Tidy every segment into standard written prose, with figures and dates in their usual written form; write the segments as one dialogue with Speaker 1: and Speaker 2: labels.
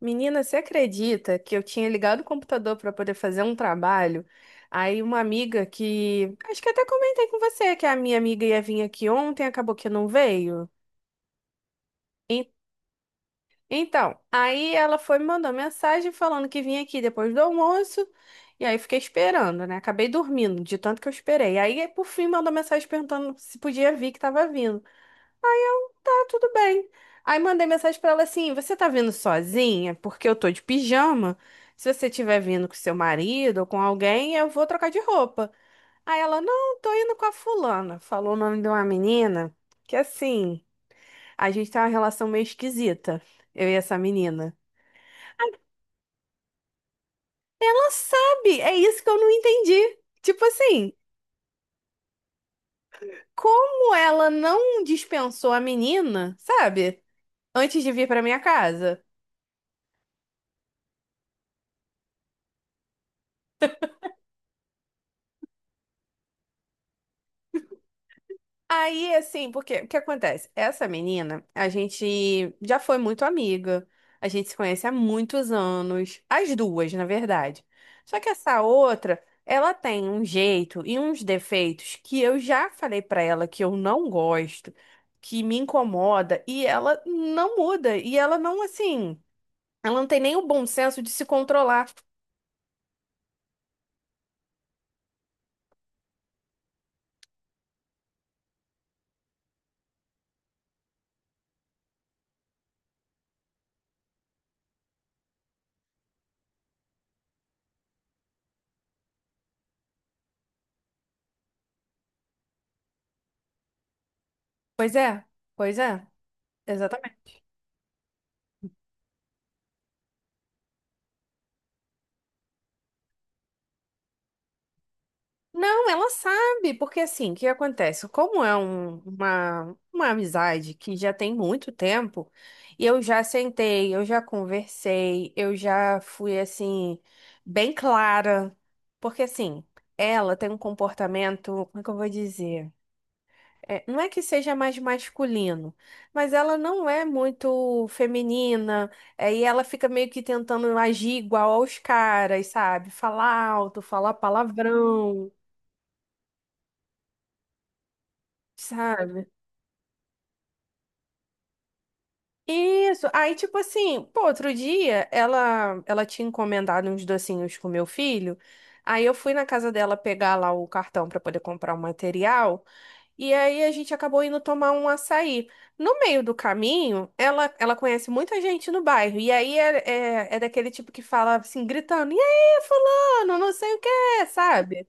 Speaker 1: Menina, você acredita que eu tinha ligado o computador para poder fazer um trabalho? Aí uma amiga que, acho que até comentei com você que a minha amiga ia vir aqui ontem, acabou que não veio. En- Então, aí ela foi me mandou mensagem falando que vinha aqui depois do almoço, e aí fiquei esperando, né? Acabei dormindo de tanto que eu esperei. Aí por fim mandou mensagem perguntando se podia vir que tava vindo. Tá tudo bem. Aí mandei mensagem pra ela assim: você tá vindo sozinha? Porque eu tô de pijama. Se você tiver vindo com seu marido ou com alguém, eu vou trocar de roupa. Aí ela: não, tô indo com a fulana. Falou o nome de uma menina que assim, a gente tem uma relação meio esquisita, eu e essa menina. Ela sabe, é isso que eu não entendi. Tipo assim, como ela não dispensou a menina, sabe? Antes de vir pra minha casa. Aí, assim, porque o que acontece? Essa menina, a gente já foi muito amiga, a gente se conhece há muitos anos, as duas, na verdade. Só que essa outra, ela tem um jeito e uns defeitos que eu já falei pra ela que eu não gosto, que me incomoda, e ela não muda, e ela não, assim, ela não tem nem o bom senso de se controlar. Pois é, pois é, exatamente. Não, ela sabe, porque assim, o que acontece? Como é uma amizade que já tem muito tempo, e eu já sentei, eu já conversei, eu já fui assim, bem clara. Porque assim, ela tem um comportamento, como é que eu vou dizer? É, não é que seja mais masculino, mas ela não é muito feminina, é, e ela fica meio que tentando agir igual aos caras, sabe? Falar alto, falar palavrão. Sabe? Isso. Aí, tipo assim, pô, outro dia ela tinha encomendado uns docinhos com meu filho. Aí eu fui na casa dela pegar lá o cartão pra poder comprar o material. E aí a gente acabou indo tomar um açaí. No meio do caminho, ela conhece muita gente no bairro. E aí é daquele tipo que fala assim, gritando: e aí, fulano, não sei o quê, sabe?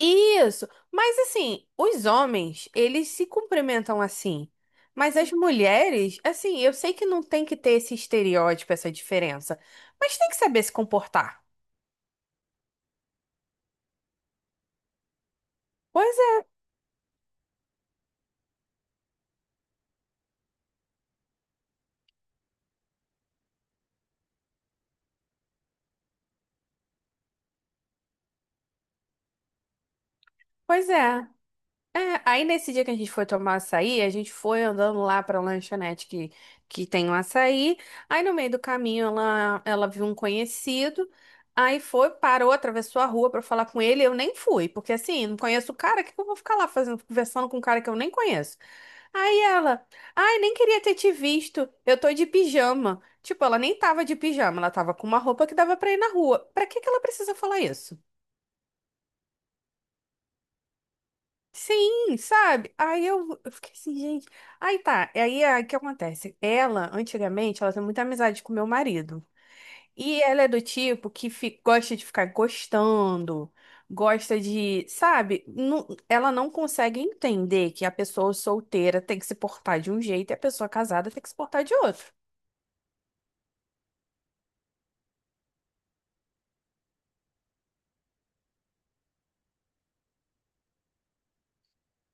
Speaker 1: Isso. Mas assim, os homens, eles se cumprimentam assim. Mas as mulheres, assim, eu sei que não tem que ter esse estereótipo, essa diferença, mas tem que saber se comportar. Pois é, pois é. É, aí nesse dia que a gente foi tomar açaí, a gente foi andando lá pra lanchonete que tem um açaí. Aí no meio do caminho ela viu um conhecido. Aí foi, parou, atravessou a rua pra falar com ele. Eu nem fui, porque assim, não conheço o cara, o que que eu vou ficar lá fazendo, conversando com um cara que eu nem conheço? Aí ela, ai, nem queria ter te visto. Eu tô de pijama. Tipo, ela nem tava de pijama, ela tava com uma roupa que dava pra ir na rua. Pra que que ela precisa falar isso? Sim, sabe? Aí eu fiquei assim, gente. Aí tá, aí o que acontece? Ela, antigamente, ela tem muita amizade com meu marido. E ela é do tipo que gosta de ficar gostando, gosta de, sabe? Ela não consegue entender que a pessoa solteira tem que se portar de um jeito e a pessoa casada tem que se portar de outro.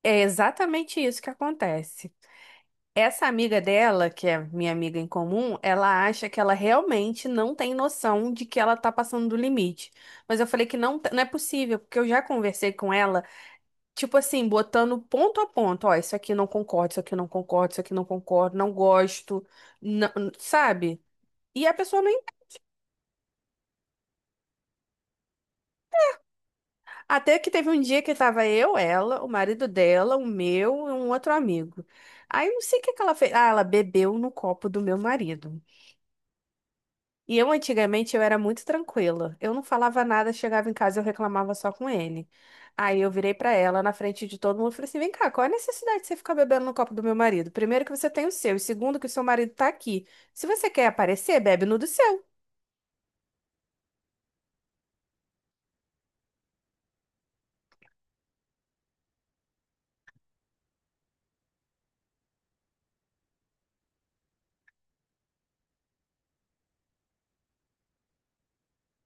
Speaker 1: É exatamente isso que acontece. Essa amiga dela, que é minha amiga em comum, ela acha que ela realmente não tem noção de que ela tá passando do limite. Mas eu falei que não, não é possível, porque eu já conversei com ela, tipo assim, botando ponto a ponto, ó, isso aqui eu não concordo, isso aqui eu não concordo, isso aqui eu não concordo, não gosto, não- sabe? E a pessoa não. Até que teve um dia que tava eu, ela, o marido dela, o meu e um outro amigo. Aí eu não sei o que que ela fez. Ah, ela bebeu no copo do meu marido. E eu, antigamente, eu era muito tranquila. Eu não falava nada, chegava em casa, eu reclamava só com ele. Aí eu virei pra ela na frente de todo mundo e falei assim: vem cá, qual é a necessidade de você ficar bebendo no copo do meu marido? Primeiro, que você tem o seu, e segundo, que o seu marido tá aqui. Se você quer aparecer, bebe no do seu.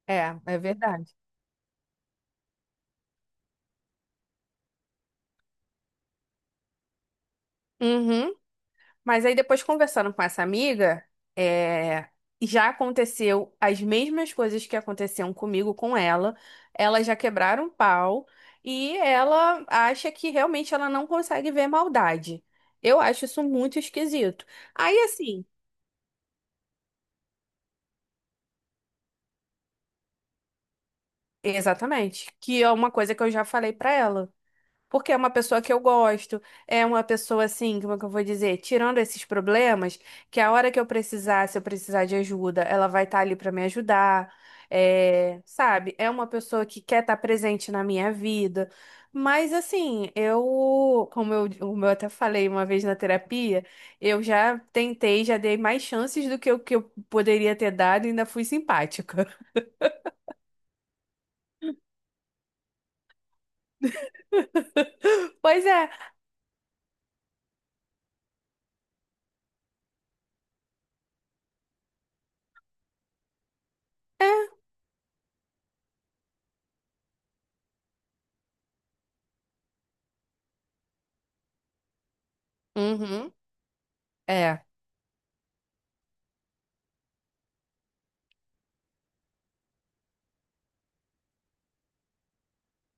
Speaker 1: É, é verdade. Uhum. Mas aí depois conversando com essa amiga, é, já aconteceu as mesmas coisas que aconteciam comigo com ela. Elas já quebraram o pau e ela acha que realmente ela não consegue ver maldade. Eu acho isso muito esquisito. Aí assim, exatamente, que é uma coisa que eu já falei pra ela. Porque é uma pessoa que eu gosto, é uma pessoa assim, como é que eu vou dizer, tirando esses problemas, que a hora que eu precisar, se eu precisar de ajuda, ela vai estar ali para me ajudar, é, sabe? É uma pessoa que quer estar presente na minha vida. Mas assim, eu, como eu até falei uma vez na terapia, eu já tentei, já dei mais chances do que o que eu poderia ter dado e ainda fui simpática. Pois é. Uhum. É.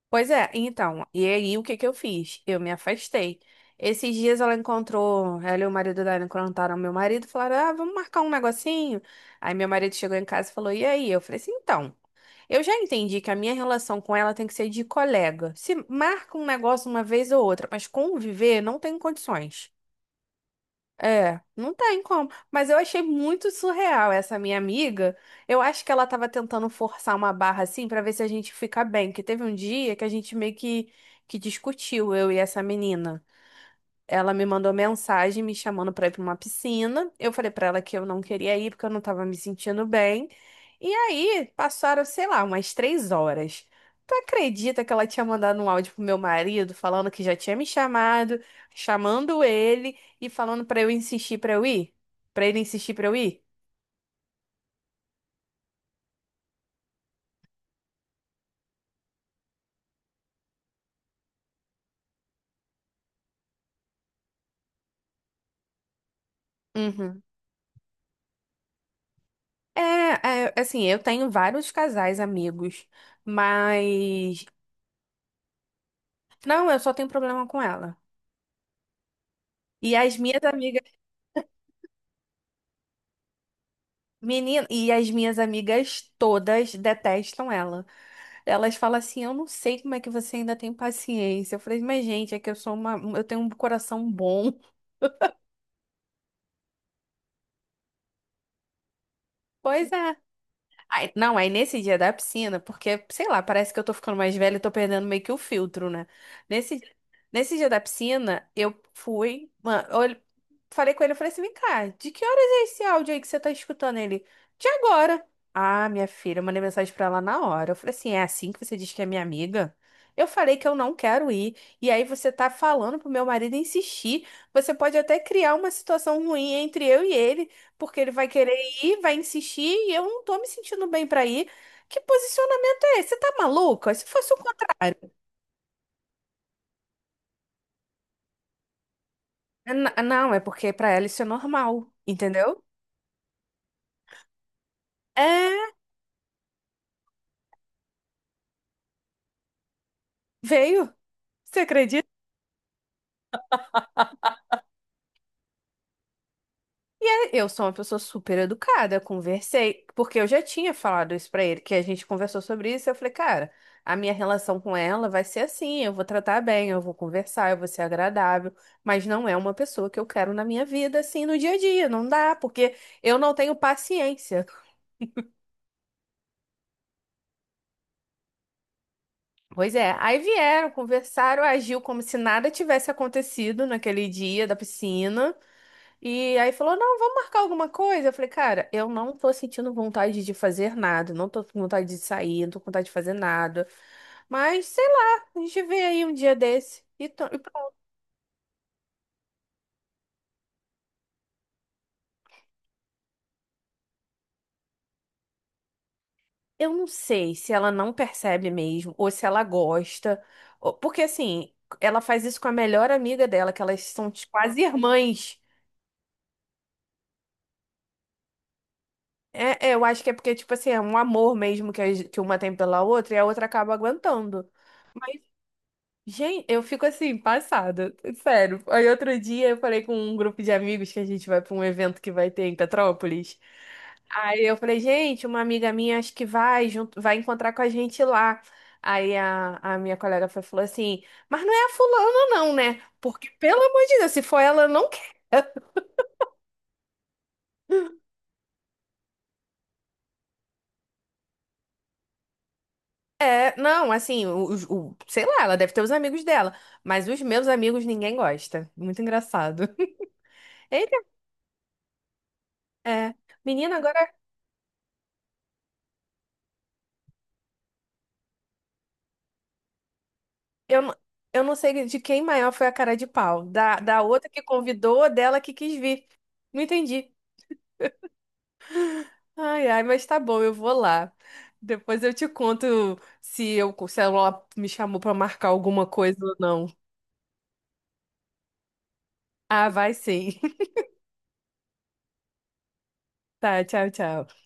Speaker 1: Pois é, então, e aí o que que eu fiz? Eu me afastei. Esses dias ela encontrou, ela e o marido dela encontraram meu marido, e falaram, ah, vamos marcar um negocinho. Aí meu marido chegou em casa e falou, e aí? Eu falei assim, então, eu já entendi que a minha relação com ela tem que ser de colega. Se marca um negócio uma vez ou outra, mas conviver não tem condições. É, não tem como. Mas eu achei muito surreal essa minha amiga. Eu acho que ela tava tentando forçar uma barra assim pra ver se a gente fica bem. Que teve um dia que a gente meio que discutiu, eu e essa menina. Ela me mandou mensagem me chamando pra ir pra uma piscina. Eu falei pra ela que eu não queria ir porque eu não tava me sentindo bem. E aí passaram, sei lá, umas três horas. Tu acredita que ela tinha mandado um áudio pro meu marido falando que já tinha me chamado, chamando ele e falando pra eu insistir pra eu ir? Pra ele insistir pra eu ir? Uhum. É, é, assim, eu tenho vários casais amigos, mas não, eu só tenho problema com ela. E as minhas amigas... Menina, e as minhas amigas todas detestam ela. Elas falam assim: "Eu não sei como é que você ainda tem paciência". Eu falei: "Mas gente, é que eu sou uma, eu tenho um coração bom". Pois é. Não, aí nesse dia da piscina, porque, sei lá, parece que eu tô ficando mais velha e tô perdendo meio que o filtro, né? Nesse, nesse dia da piscina, eu fui, mano, eu falei com ele, eu falei assim, vem cá, de que horas é esse áudio aí que você tá escutando ele? De agora. Ah, minha filha, eu mandei mensagem pra ela na hora. Eu falei assim, é assim que você diz que é minha amiga? Eu falei que eu não quero ir. E aí você tá falando pro meu marido insistir. Você pode até criar uma situação ruim entre eu e ele, porque ele vai querer ir, vai insistir e eu não tô me sentindo bem pra ir. Que posicionamento é esse? Você tá maluca? Se fosse o contrário. É, não, é porque pra ela isso é normal, entendeu? É, veio. Você acredita? Eu sou uma pessoa super educada, eu conversei, porque eu já tinha falado isso pra ele, que a gente conversou sobre isso, eu falei, cara, a minha relação com ela vai ser assim, eu vou tratar bem, eu vou conversar, eu vou ser agradável, mas não é uma pessoa que eu quero na minha vida, assim, no dia a dia, não dá, porque eu não tenho paciência. Pois é, aí vieram, conversaram, agiu como se nada tivesse acontecido naquele dia da piscina. E aí falou: não, vamos marcar alguma coisa. Eu falei: cara, eu não tô sentindo vontade de fazer nada, não tô com vontade de sair, não tô com vontade de fazer nada. Mas sei lá, a gente vê aí um dia desse. E e pronto. Eu não sei se ela não percebe mesmo, ou se ela gosta, ou- porque assim, ela faz isso com a melhor amiga dela, que elas são quase irmãs. É, é, eu acho que é porque, tipo assim, é um amor mesmo que, que uma tem pela outra e a outra acaba aguentando. Mas, gente, eu fico assim, passada. Sério. Aí outro dia eu falei com um grupo de amigos que a gente vai pra um evento que vai ter em Petrópolis. Aí eu falei, gente, uma amiga minha acho que vai junto, vai encontrar com a gente lá. Aí a minha colega falou assim, mas não é a fulana não, né? Porque, pelo amor de Deus, se for ela, eu não quero. É, não, assim, sei lá, ela deve ter os amigos dela, mas os meus amigos ninguém gosta. Muito engraçado. Eita, é. Menina, agora eu, n- eu não sei de quem maior foi a cara de pau. Da outra que convidou, ou dela que quis vir. Não entendi. Ai, ai, mas tá bom, eu vou lá. Depois eu te conto se eu, se ela me chamou pra marcar alguma coisa ou não. Ah, vai sim. Tá, tchau, tchau.